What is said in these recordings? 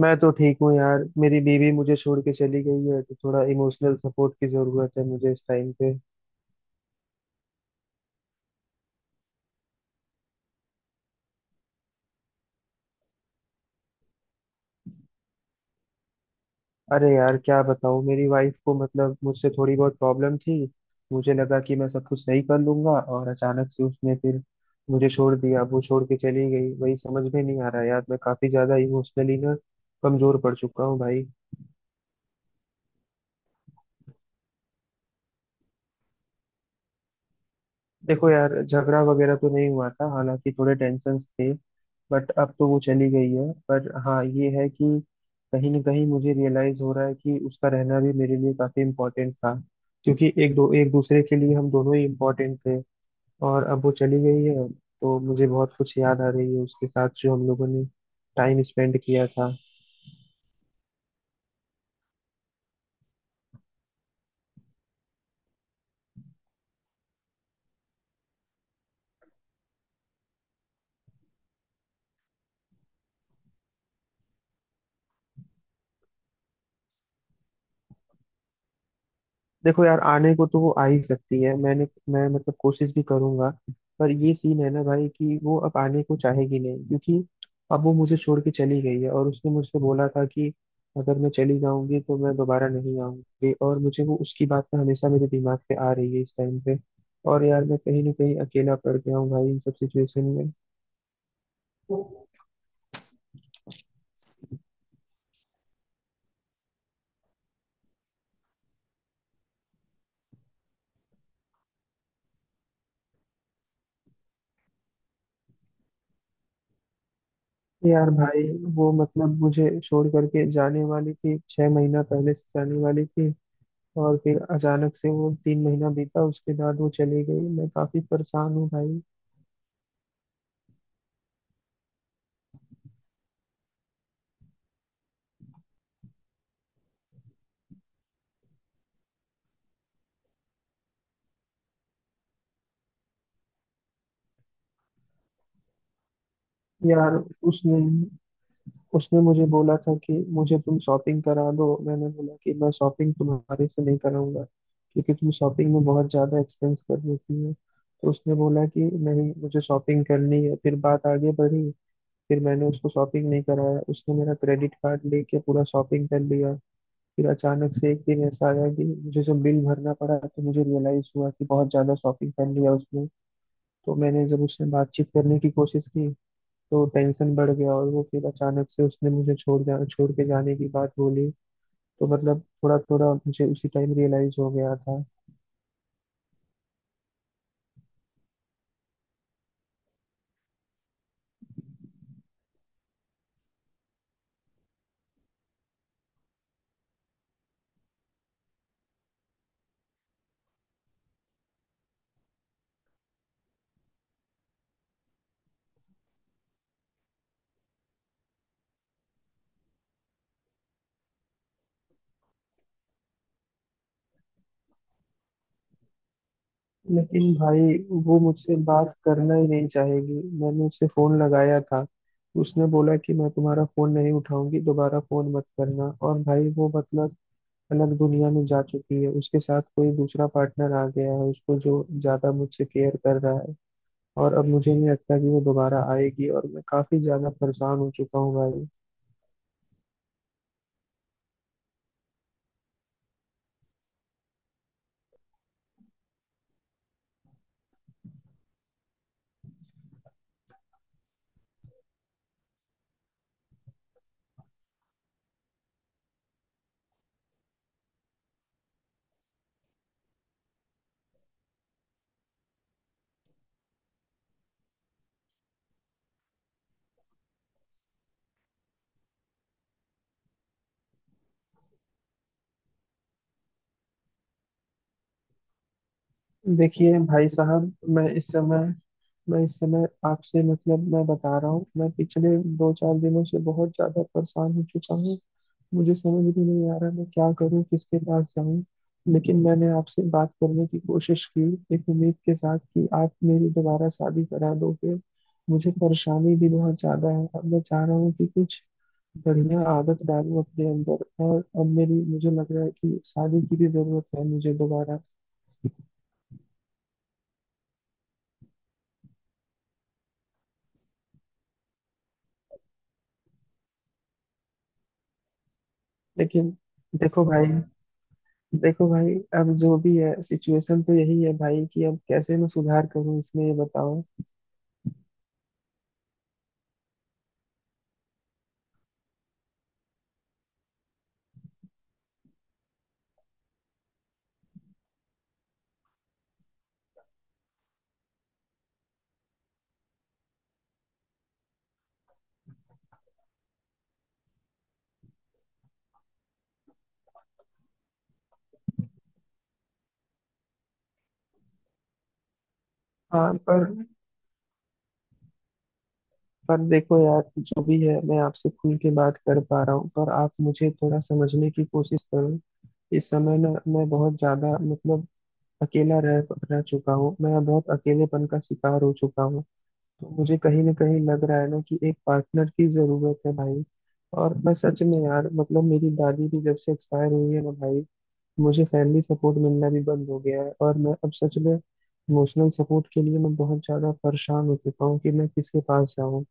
मैं तो ठीक हूँ यार। मेरी बीवी मुझे छोड़ के चली गई है तो थोड़ा इमोशनल सपोर्ट की जरूरत है मुझे इस टाइम पे। अरे यार क्या बताऊँ, मेरी वाइफ को मतलब मुझसे थोड़ी बहुत प्रॉब्लम थी। मुझे लगा कि मैं सब कुछ सही कर लूंगा और अचानक से उसने फिर मुझे छोड़ दिया। वो छोड़ के चली गई वही समझ में नहीं आ रहा यार। मैं काफी ज्यादा इमोशनली ना कमजोर पड़ चुका हूँ भाई। देखो यार, झगड़ा वगैरह तो नहीं हुआ था, हालांकि थोड़े टेंशन्स थे। बट अब तो वो चली गई है, पर हाँ ये है कि कहीं ना कहीं मुझे रियलाइज हो रहा है कि उसका रहना भी मेरे लिए काफी इम्पोर्टेंट था। क्योंकि एक दूसरे के लिए हम दोनों ही इम्पोर्टेंट थे। और अब वो चली गई है तो मुझे बहुत कुछ याद आ रही है उसके साथ जो हम लोगों ने टाइम स्पेंड किया था। देखो यार, आने को तो वो आ ही सकती है, मैंने मैं मतलब कोशिश भी करूंगा। पर ये सीन है ना भाई कि वो अब आने को चाहेगी नहीं, क्योंकि अब वो मुझे छोड़ के चली गई है और उसने मुझसे बोला था कि अगर मैं चली जाऊंगी तो मैं दोबारा नहीं आऊंगी। और मुझे वो उसकी बात ना हमेशा मेरे दिमाग पे आ रही है इस टाइम पे। और यार मैं कहीं ना कहीं अकेला पड़ गया हूँ भाई इन सब सिचुएशन में। यार भाई, वो मतलब मुझे छोड़ करके जाने वाली थी, 6 महीना पहले से जाने वाली थी। और फिर अचानक से वो 3 महीना बीता उसके बाद वो चली गई। मैं काफी परेशान हूँ भाई। यार, उसने उसने मुझे बोला था कि मुझे तुम शॉपिंग करा दो। मैंने बोला कि मैं शॉपिंग तुम्हारे से नहीं कराऊंगा क्योंकि तुम शॉपिंग में बहुत ज्यादा एक्सपेंस कर देती हो। तो उसने बोला कि नहीं मुझे शॉपिंग करनी है, फिर बात आगे बढ़ी। फिर मैंने उसको शॉपिंग नहीं कराया, उसने मेरा क्रेडिट कार्ड लेके पूरा शॉपिंग कर लिया। फिर अचानक से एक दिन ऐसा आया कि मुझे जब बिल भरना पड़ा तो मुझे रियलाइज हुआ कि बहुत ज्यादा शॉपिंग कर लिया उसने। तो मैंने जब उससे बातचीत करने की कोशिश की तो टेंशन बढ़ गया और वो फिर अचानक से उसने मुझे छोड़ के जाने की बात बोली। तो मतलब थोड़ा थोड़ा मुझे उसी टाइम रियलाइज हो गया था। लेकिन भाई वो मुझसे बात करना ही नहीं चाहेगी, मैंने उससे फोन लगाया था। उसने बोला कि मैं तुम्हारा फोन नहीं उठाऊंगी, दोबारा फोन मत करना। और भाई वो मतलब अलग दुनिया में जा चुकी है, उसके साथ कोई दूसरा पार्टनर आ गया है उसको जो ज्यादा मुझसे केयर कर रहा है। और अब मुझे नहीं लगता कि वो दोबारा आएगी और मैं काफी ज्यादा परेशान हो चुका हूँ भाई। देखिए भाई साहब, मैं इस समय मैं इस समय आपसे मतलब मैं बता रहा हूँ, मैं पिछले दो चार दिनों से बहुत ज्यादा परेशान हो चुका हूँ। मुझे समझ भी नहीं आ रहा मैं क्या करूँ, किसके पास जाऊँ। लेकिन मैंने आपसे बात करने की कोशिश की एक उम्मीद के साथ कि आप मेरी दोबारा शादी करा दोगे। मुझे परेशानी भी बहुत ज्यादा है, अब मैं चाह रहा हूँ कि कुछ बढ़िया आदत डालूं अपने अंदर। और अब मेरी मुझे लग रहा है कि शादी की भी जरूरत है मुझे दोबारा। लेकिन देखो भाई देखो भाई, अब जो भी है सिचुएशन तो यही है भाई कि अब कैसे मैं सुधार करूं इसमें ये बताओ। हाँ पर, देखो यार, जो भी है मैं आपसे खुल के बात कर पा रहा हूँ पर आप मुझे थोड़ा समझने की कोशिश करो। इस समय ना मैं बहुत ज्यादा मतलब अकेला रह रह चुका हूँ, मैं बहुत अकेलेपन का शिकार हो चुका हूँ। तो मुझे कहीं ना कहीं लग रहा है ना कि एक पार्टनर की जरूरत है भाई। और मैं सच में यार मतलब मेरी दादी भी जब से एक्सपायर हुई है ना भाई, मुझे फैमिली सपोर्ट मिलना भी बंद हो गया है। और मैं अब सच में इमोशनल सपोर्ट के लिए मैं बहुत ज्यादा परेशान हो चुका हूँ कि मैं किसके पास जाऊँ।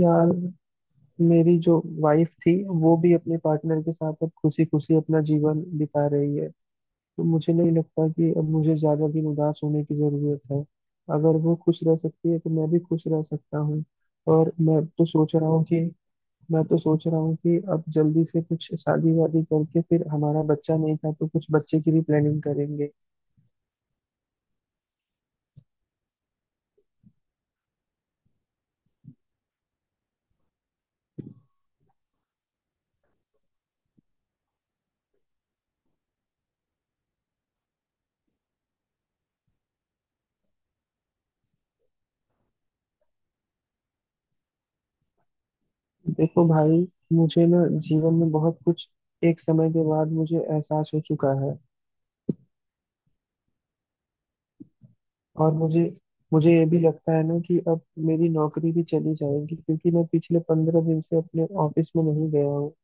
यार मेरी जो वाइफ थी वो भी अपने पार्टनर के साथ अब खुशी खुशी अपना जीवन बिता रही है। तो मुझे नहीं लगता कि अब मुझे ज्यादा दिन उदास होने की जरूरत है। अगर वो खुश रह सकती है तो मैं भी खुश रह सकता हूँ। और मैं तो सोच रहा हूँ कि मैं तो सोच रहा हूँ कि अब जल्दी से कुछ शादी वादी करके, फिर हमारा बच्चा नहीं था तो कुछ बच्चे की भी प्लानिंग करेंगे। देखो भाई, मुझे ना जीवन में बहुत कुछ एक समय के बाद मुझे एहसास हो चुका है। और मुझे मुझे ये भी लगता है ना कि अब मेरी नौकरी भी चली जाएगी क्योंकि मैं पिछले 15 दिन से अपने ऑफिस में नहीं गया हूँ।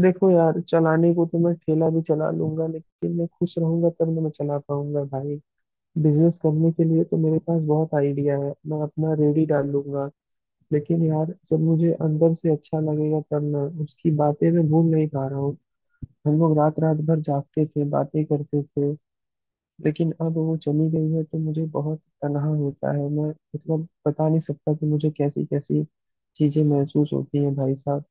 देखो यार, चलाने को तो मैं ठेला भी चला लूंगा, लेकिन मैं खुश रहूंगा तब ना मैं चला पाऊंगा भाई। बिजनेस करने के लिए तो मेरे पास बहुत आइडिया है, मैं अपना रेडी डाल लूंगा। लेकिन यार जब मुझे अंदर से अच्छा लगेगा तब, मैं उसकी बातें मैं भूल नहीं पा रहा हूँ। हम लोग रात रात भर जागते थे, बातें करते थे। लेकिन अब वो चली गई है तो मुझे बहुत तनहा होता है। मैं मतलब बता नहीं सकता कि मुझे कैसी कैसी चीजें महसूस होती हैं भाई साहब।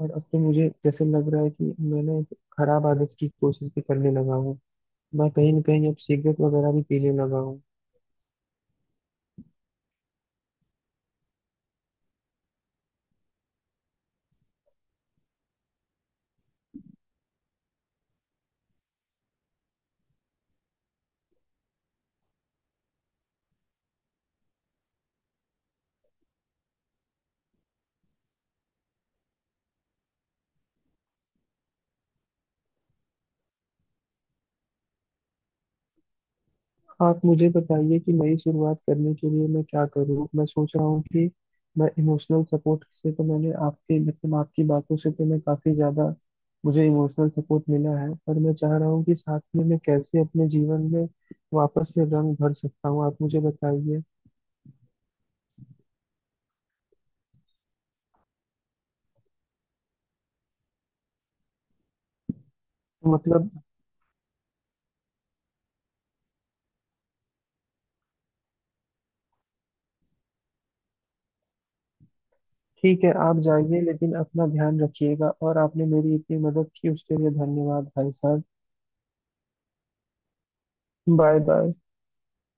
और अब तो मुझे जैसे लग रहा है कि मैंने एक खराब आदत की कोशिश भी करने लगा हूँ, मैं कहीं ना कहीं अब सिगरेट वगैरह भी पीने लगा हूँ। आप मुझे बताइए कि नई शुरुआत करने के लिए मैं क्या करूँ। मैं सोच रहा हूँ कि मैं इमोशनल सपोर्ट से तो, मैंने आपके मतलब आपकी बातों से तो मैं काफ़ी ज़्यादा मुझे इमोशनल सपोर्ट मिला है। पर मैं चाह रहा हूँ कि साथ में मैं कैसे अपने जीवन में वापस से रंग भर सकता हूँ, आप मुझे बताइए। तो मतलब ठीक है आप जाइए, लेकिन अपना ध्यान रखिएगा। और आपने मेरी इतनी मदद की उसके लिए धन्यवाद भाई साहब। Bye bye.